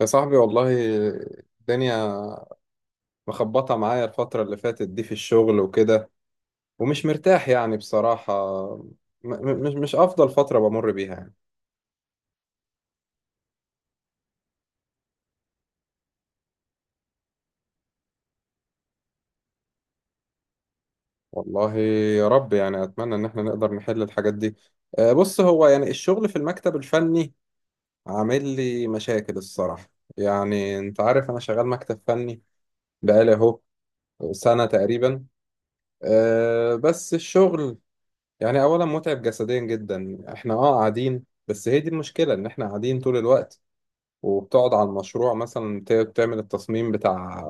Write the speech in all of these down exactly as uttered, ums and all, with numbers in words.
يا صاحبي والله، الدنيا مخبطة معايا الفترة اللي فاتت دي في الشغل وكده، ومش مرتاح يعني بصراحة. م- م- مش مش أفضل فترة بمر بيها يعني. والله يا رب، يعني أتمنى إن احنا نقدر نحل الحاجات دي. آه، بص، هو يعني الشغل في المكتب الفني عامل لي مشاكل الصراحة. يعني أنت عارف أنا شغال مكتب فني بقالي أهو سنة تقريبا. آه، بس الشغل يعني اولا متعب جسديا جدا. احنا اه قاعدين، بس هي دي المشكله، ان احنا قاعدين طول الوقت. وبتقعد على المشروع مثلا، بت- بتعمل التصميم بتاع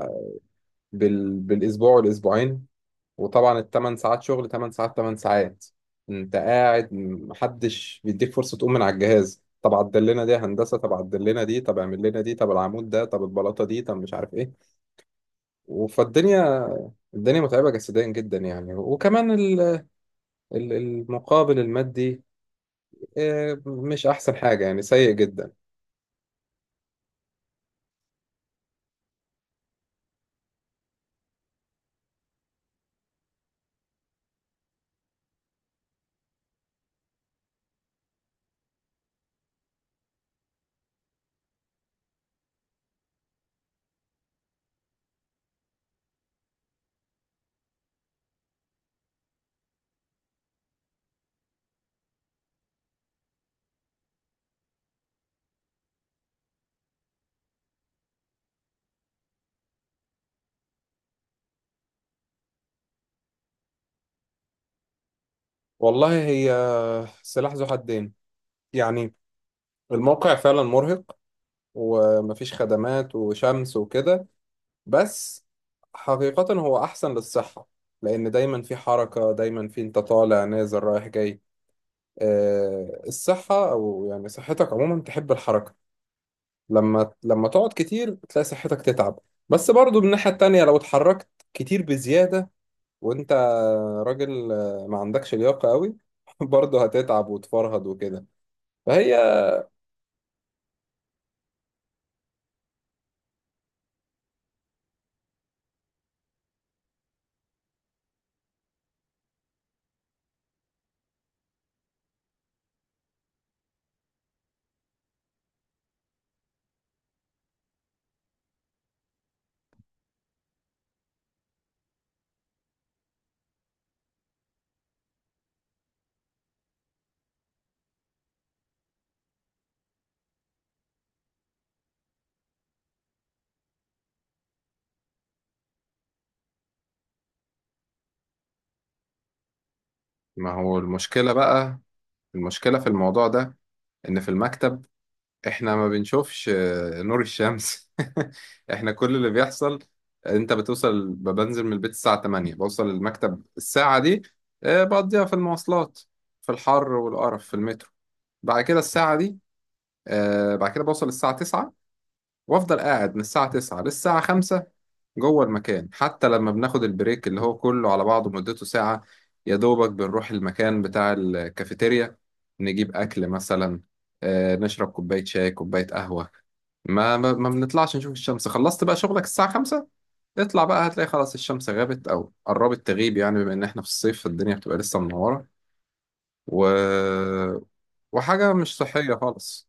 بال... بالاسبوع والاسبوعين. وطبعا الثمان ساعات شغل، 8 ساعات 8 ساعات. انت قاعد، محدش بيديك فرصه تقوم من على الجهاز. طب عدل لنا دي يا هندسه، طب عدل لنا دي، طب اعمل لنا دي، طب العمود ده، طب البلاطه دي، طب مش عارف ايه. فالدنيا الدنيا متعبه جسديا جدا يعني. وكمان ال... ال- المقابل المادي إيه، مش أحسن حاجة، يعني سيء جدا. والله هي سلاح ذو حدين يعني. الموقع فعلا مرهق، ومفيش خدمات وشمس وكده. بس حقيقة هو أحسن للصحة، لأن دايما في حركة، دايما في، أنت طالع نازل رايح جاي. إيه، الصحة، أو يعني صحتك عموما تحب الحركة. لما لما تقعد كتير تلاقي صحتك تتعب. بس برضو من الناحية التانية لو اتحركت كتير بزيادة، وانت راجل ما عندكش لياقة قوي، برضه هتتعب وتفرهد وكده. فهي. ما هو المشكلة بقى، المشكلة في الموضوع ده، ان في المكتب احنا ما بنشوفش آه، نور الشمس. احنا كل اللي بيحصل، انت بتوصل، بنزل من البيت الساعة تمانية، بوصل المكتب الساعة دي، آه، بقضيها في المواصلات، في الحر والقرف في المترو. بعد كده الساعة دي، آه، بعد كده بوصل الساعة تسعة، وافضل قاعد من الساعة تسعة للساعة خمسة جوه المكان. حتى لما بناخد البريك اللي هو كله على بعضه مدته ساعة، يا دوبك بنروح المكان بتاع الكافيتيريا نجيب أكل مثلا، آه، نشرب كوباية شاي كوباية قهوة. ما ما ما بنطلعش نشوف الشمس. خلصت بقى شغلك الساعة خمسة، اطلع بقى هتلاقي خلاص الشمس غابت أو قربت تغيب، يعني بما إن إحنا في الصيف الدنيا بتبقى لسه منورة، و... وحاجة مش صحية خالص.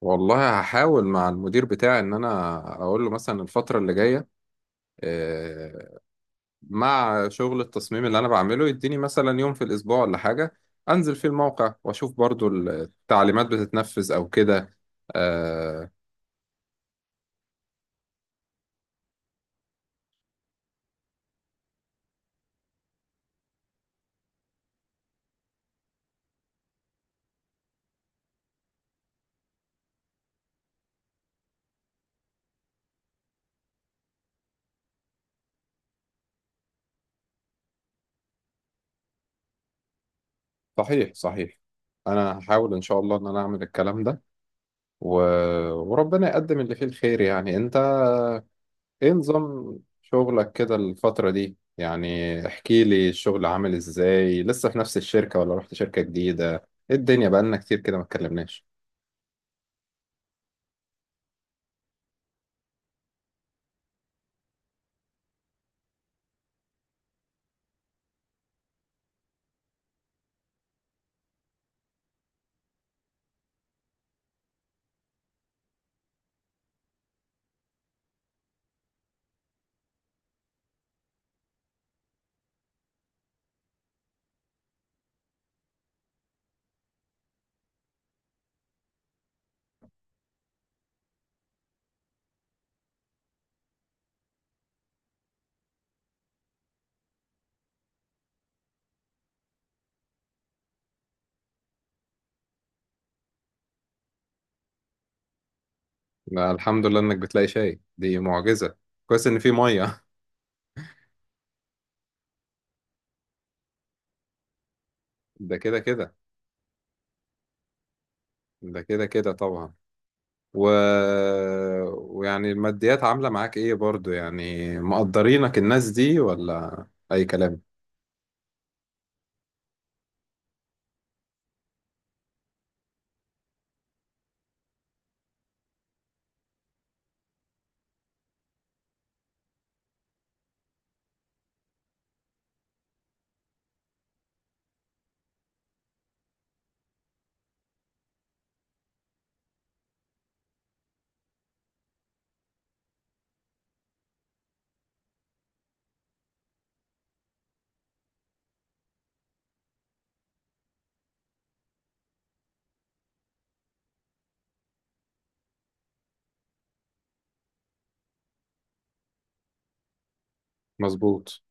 والله هحاول مع المدير بتاعي إن أنا أقول له مثلا الفترة اللي جاية، آه، مع شغل التصميم اللي انا بعمله، يديني مثلا يوم في الاسبوع ولا حاجه، انزل فيه الموقع واشوف برضو التعليمات بتتنفذ او كده. آه، صحيح صحيح. انا هحاول ان شاء الله ان انا اعمل الكلام ده، و... وربنا يقدم اللي فيه الخير يعني. انت ايه نظام شغلك كده الفتره دي؟ يعني احكي لي الشغل عامل ازاي. لسه في نفس الشركه ولا رحت شركه جديده؟ ايه الدنيا، بقالنا كتير كده ما اتكلمناش. لا، الحمد لله انك بتلاقي شاي، دي معجزه. كويس ان في ميه ده كده كده. ده كده كده طبعا. و... ويعني الماديات عاملة معاك ايه برضو؟ يعني مقدرينك الناس دي ولا اي كلام. مظبوط.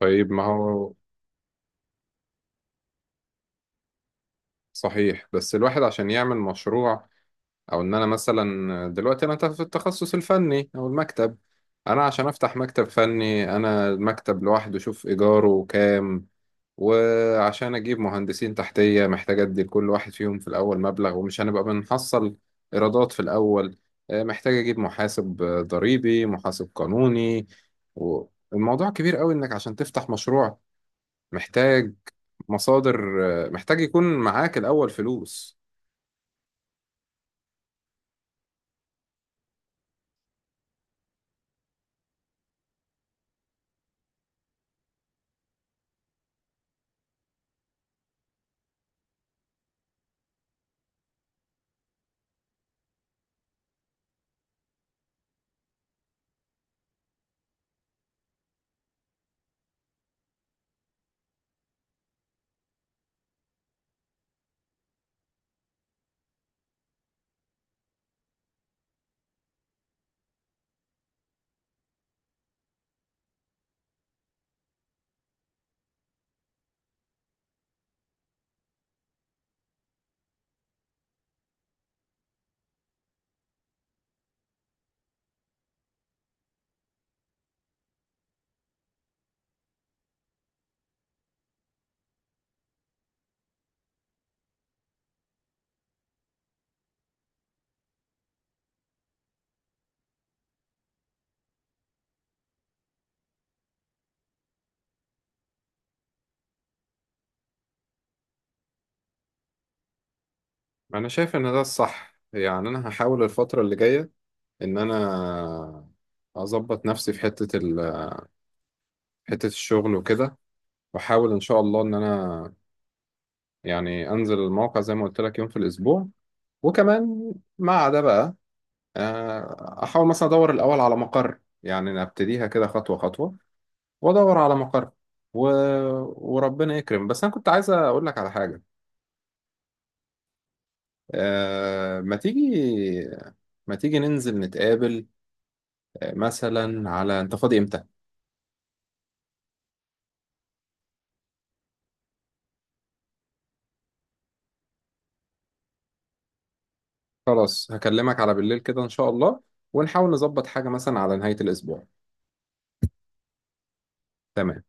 طيب ما هو. صحيح، بس الواحد عشان يعمل مشروع، او ان انا مثلا دلوقتي انا في التخصص الفني او المكتب، انا عشان افتح مكتب فني، انا المكتب لوحده شوف ايجاره كام. وعشان اجيب مهندسين تحتيه محتاج ادي لكل واحد فيهم في الاول مبلغ، ومش هنبقى بنحصل ايرادات في الاول. آه، محتاج اجيب محاسب آه، ضريبي، محاسب قانوني. والموضوع كبير قوي، انك عشان تفتح مشروع محتاج مصادر، آه، محتاج يكون معاك الاول فلوس. انا شايف ان ده الصح. يعني انا هحاول الفتره اللي جايه ان انا اظبط نفسي في حته ال... حته الشغل وكده. واحاول ان شاء الله ان انا يعني انزل الموقع زي ما قلت لك يوم في الاسبوع. وكمان مع ده بقى، آه، احاول مثلا ادور الاول على مقر، يعني نبتديها كده خطوه خطوه، وادور على مقر، و... وربنا يكرم. بس انا كنت عايز اقول لك على حاجه. آه، ما تيجي ما تيجي ننزل نتقابل، آه، مثلا. على، انت فاضي امتى؟ خلاص هكلمك على بالليل كده ان شاء الله. ونحاول نظبط حاجه مثلا على نهايه الاسبوع. تمام.